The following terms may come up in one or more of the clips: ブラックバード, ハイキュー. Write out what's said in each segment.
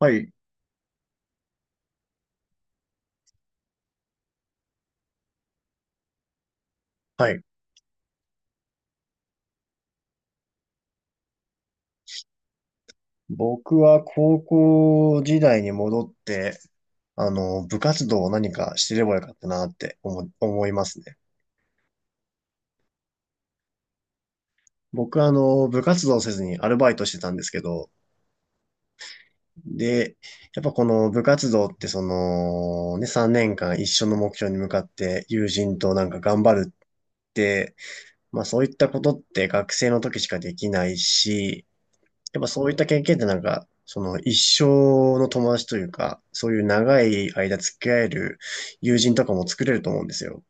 はい、はい。僕は高校時代に戻って、部活動を何かしてればよかったなって思いますね。僕は部活動せずにアルバイトしてたんですけど、で、やっぱこの部活動ってその、ね、3年間一緒の目標に向かって友人となんか頑張るって、まあそういったことって学生の時しかできないし、やっぱそういった経験ってなんか、その一生の友達というか、そういう長い間付き合える友人とかも作れると思うんですよ。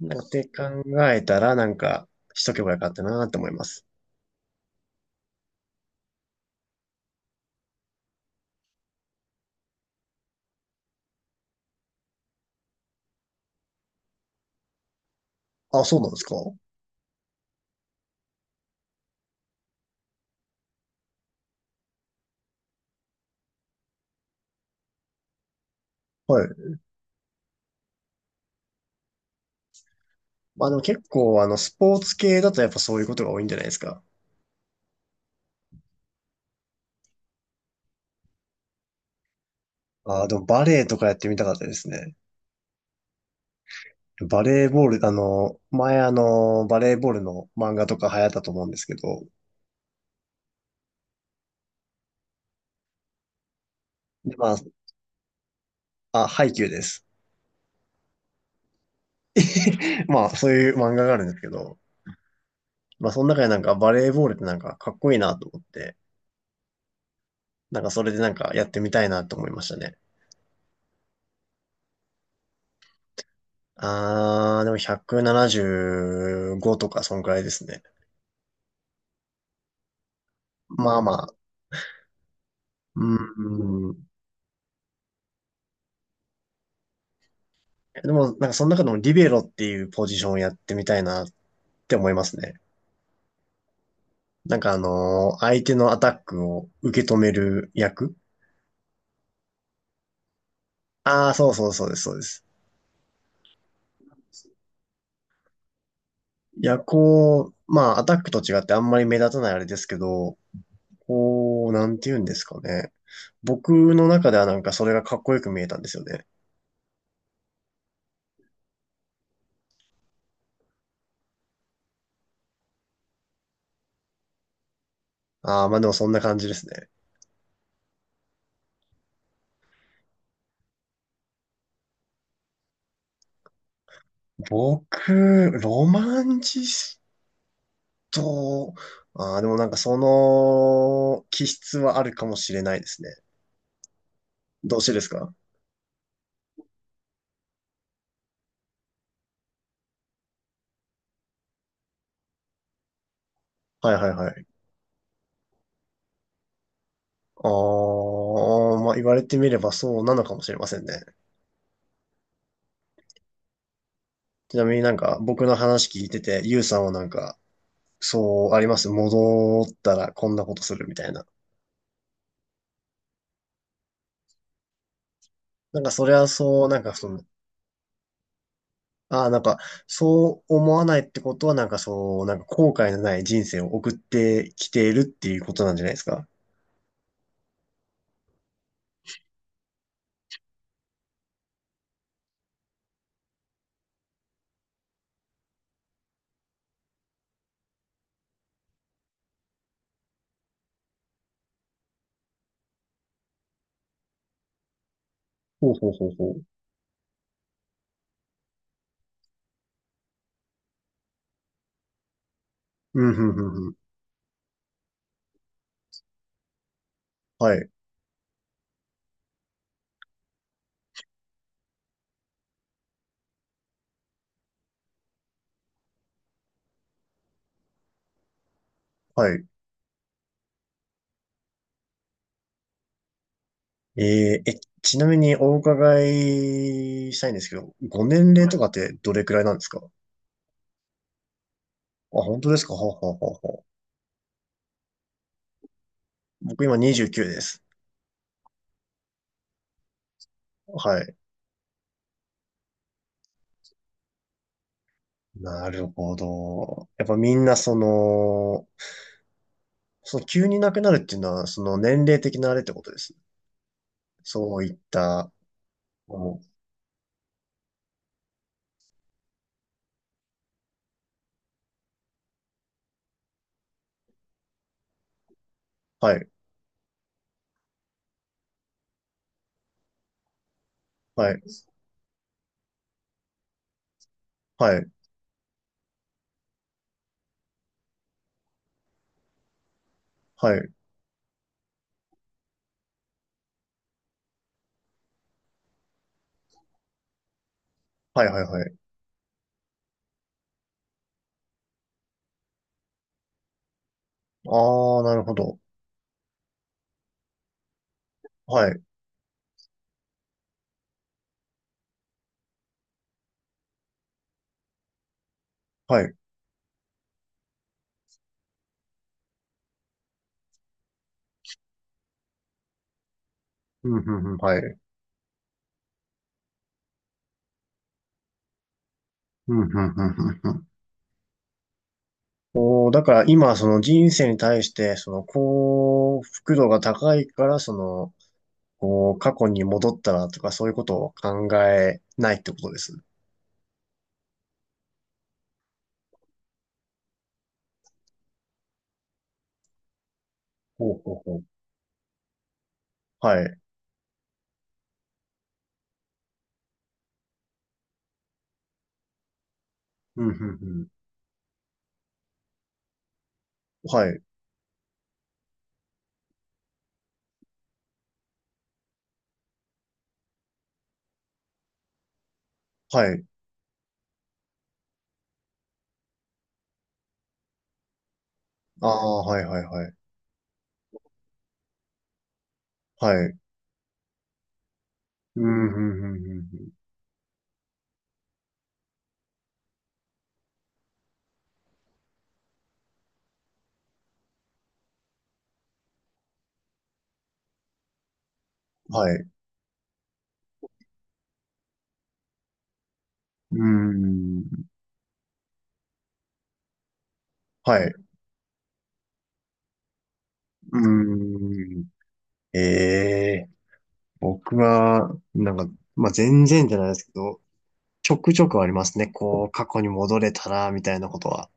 なんかって考えたらなんかしとけばよかったなって思います。あ、そうなんですか？はい。まあでも結構スポーツ系だとやっぱそういうことが多いんじゃないですか？ああ、でもバレーとかやってみたかったですね。バレーボール、あの、前、バレーボールの漫画とか流行ったと思うんですけど、で、まあ、あ、ハイキューです。まあ、そういう漫画があるんですけど、まあ、その中でなんかバレーボールってなんかかっこいいなと思って、なんかそれでなんかやってみたいなと思いましたね。あー、でも175とかそんくらいですね。まあまあ。うんうん。でも、なんかその中でもリベロっていうポジションをやってみたいなって思いますね。相手のアタックを受け止める役。ああ、そうそうそうです、そうです。いや、こう、まあ、アタックと違ってあんまり目立たないあれですけど、こう、なんて言うんですかね。僕の中ではなんかそれがかっこよく見えたんですよね。ああ、まあでもそんな感じですね。僕、ロマンチスト、ああ、でもなんかその気質はあるかもしれないですね。どうしてですか？はいはいはい。ああ、まあ言われてみればそうなのかもしれませんね。ちなみになんか僕の話聞いてて、ゆうさんはなんか、そうあります。戻ったらこんなことするみたいな。なんかそれはそう、なんかその、ああ、なんか、そう思わないってことは、なんかそう、なんか後悔のない人生を送ってきているっていうことなんじゃないですか？ほうほうほうほう。うん、ふんふんふん。はい、はい。ちなみにお伺いしたいんですけど、ご年齢とかってどれくらいなんですかあ？本当ですか？はあはあはあはあ。僕今29です。はい。なるほど。やっぱみんなその、その急に亡くなるっていうのは、その年齢的なあれってことですね。そういった、あの、はい。はい、はい、はい、はい、はい、はい。ああ、なるほど。はい、はい。うん、うん、うん、はい。うん、うん、うん、うん、おー、だから今、その人生に対して、その幸福度が高いから、その、こう、過去に戻ったらとか、そういうことを考えないってことです。ほうほうほう。はい。うん、うん、うん。はい、はい。ああ、はい、はい、はい。はい。うん、うん、うん、うん。うん、はい。うん。はい。うん。ええ、僕は、なんか、まあ、全然じゃないですけど、ちょくちょくありますね。こう、過去に戻れたら、みたいなことは。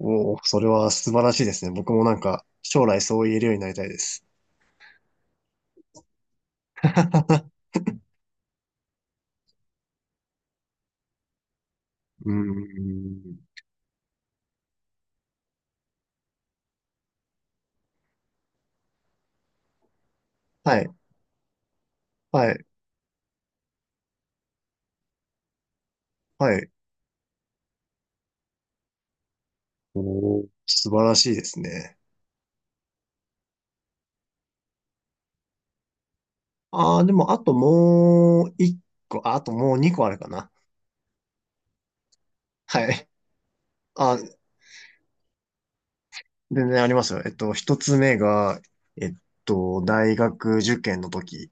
おお、それは素晴らしいですね。僕もなんか、将来そう言えるようになりたいです。うーん。はい、はい、はい。おお、素晴らしいですね。ああ、でも、あともう一個、ああ、ともう二個あるかな。はい。あ、全然ありますよ。一つ目が、えっ大学受験の時。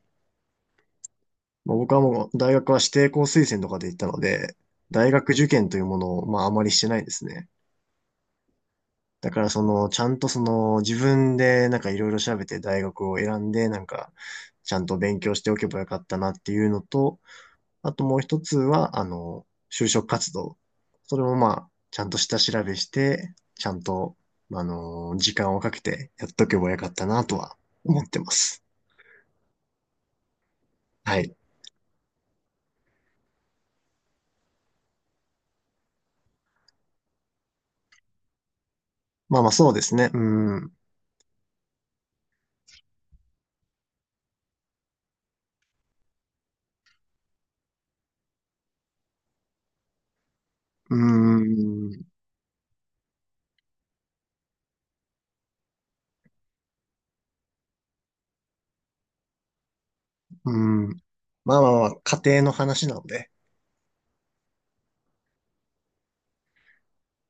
まあ、僕はもう大学は指定校推薦とかで行ったので、大学受験というものをまああまりしてないですね。だからその、ちゃんとその自分でなんかいろいろ調べて大学を選んで、なんかちゃんと勉強しておけばよかったなっていうのと、あともう一つは、就職活動。それもまあ、ちゃんと下調べして、ちゃんと、あの、時間をかけてやっとけばよかったなとは思ってます。はい。まあまあそうですね。うん。うーん。うん。まあまあまあ、家庭の話なので。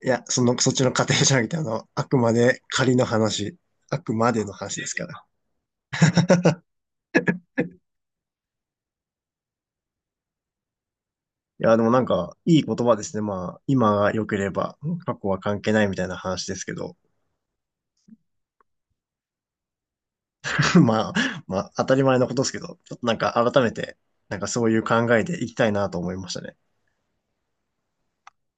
いや、その、そっちの家庭じゃなくて、あの、あくまで仮の話。あくまでの話ですから。いや、でもなんか、いい言葉ですね。まあ、今が良ければ、過去は関係ないみたいな話ですけど。まあ、まあ、当たり前のことですけど、ちょっとなんか改めて、なんかそういう考えでいきたいなと思いましたね。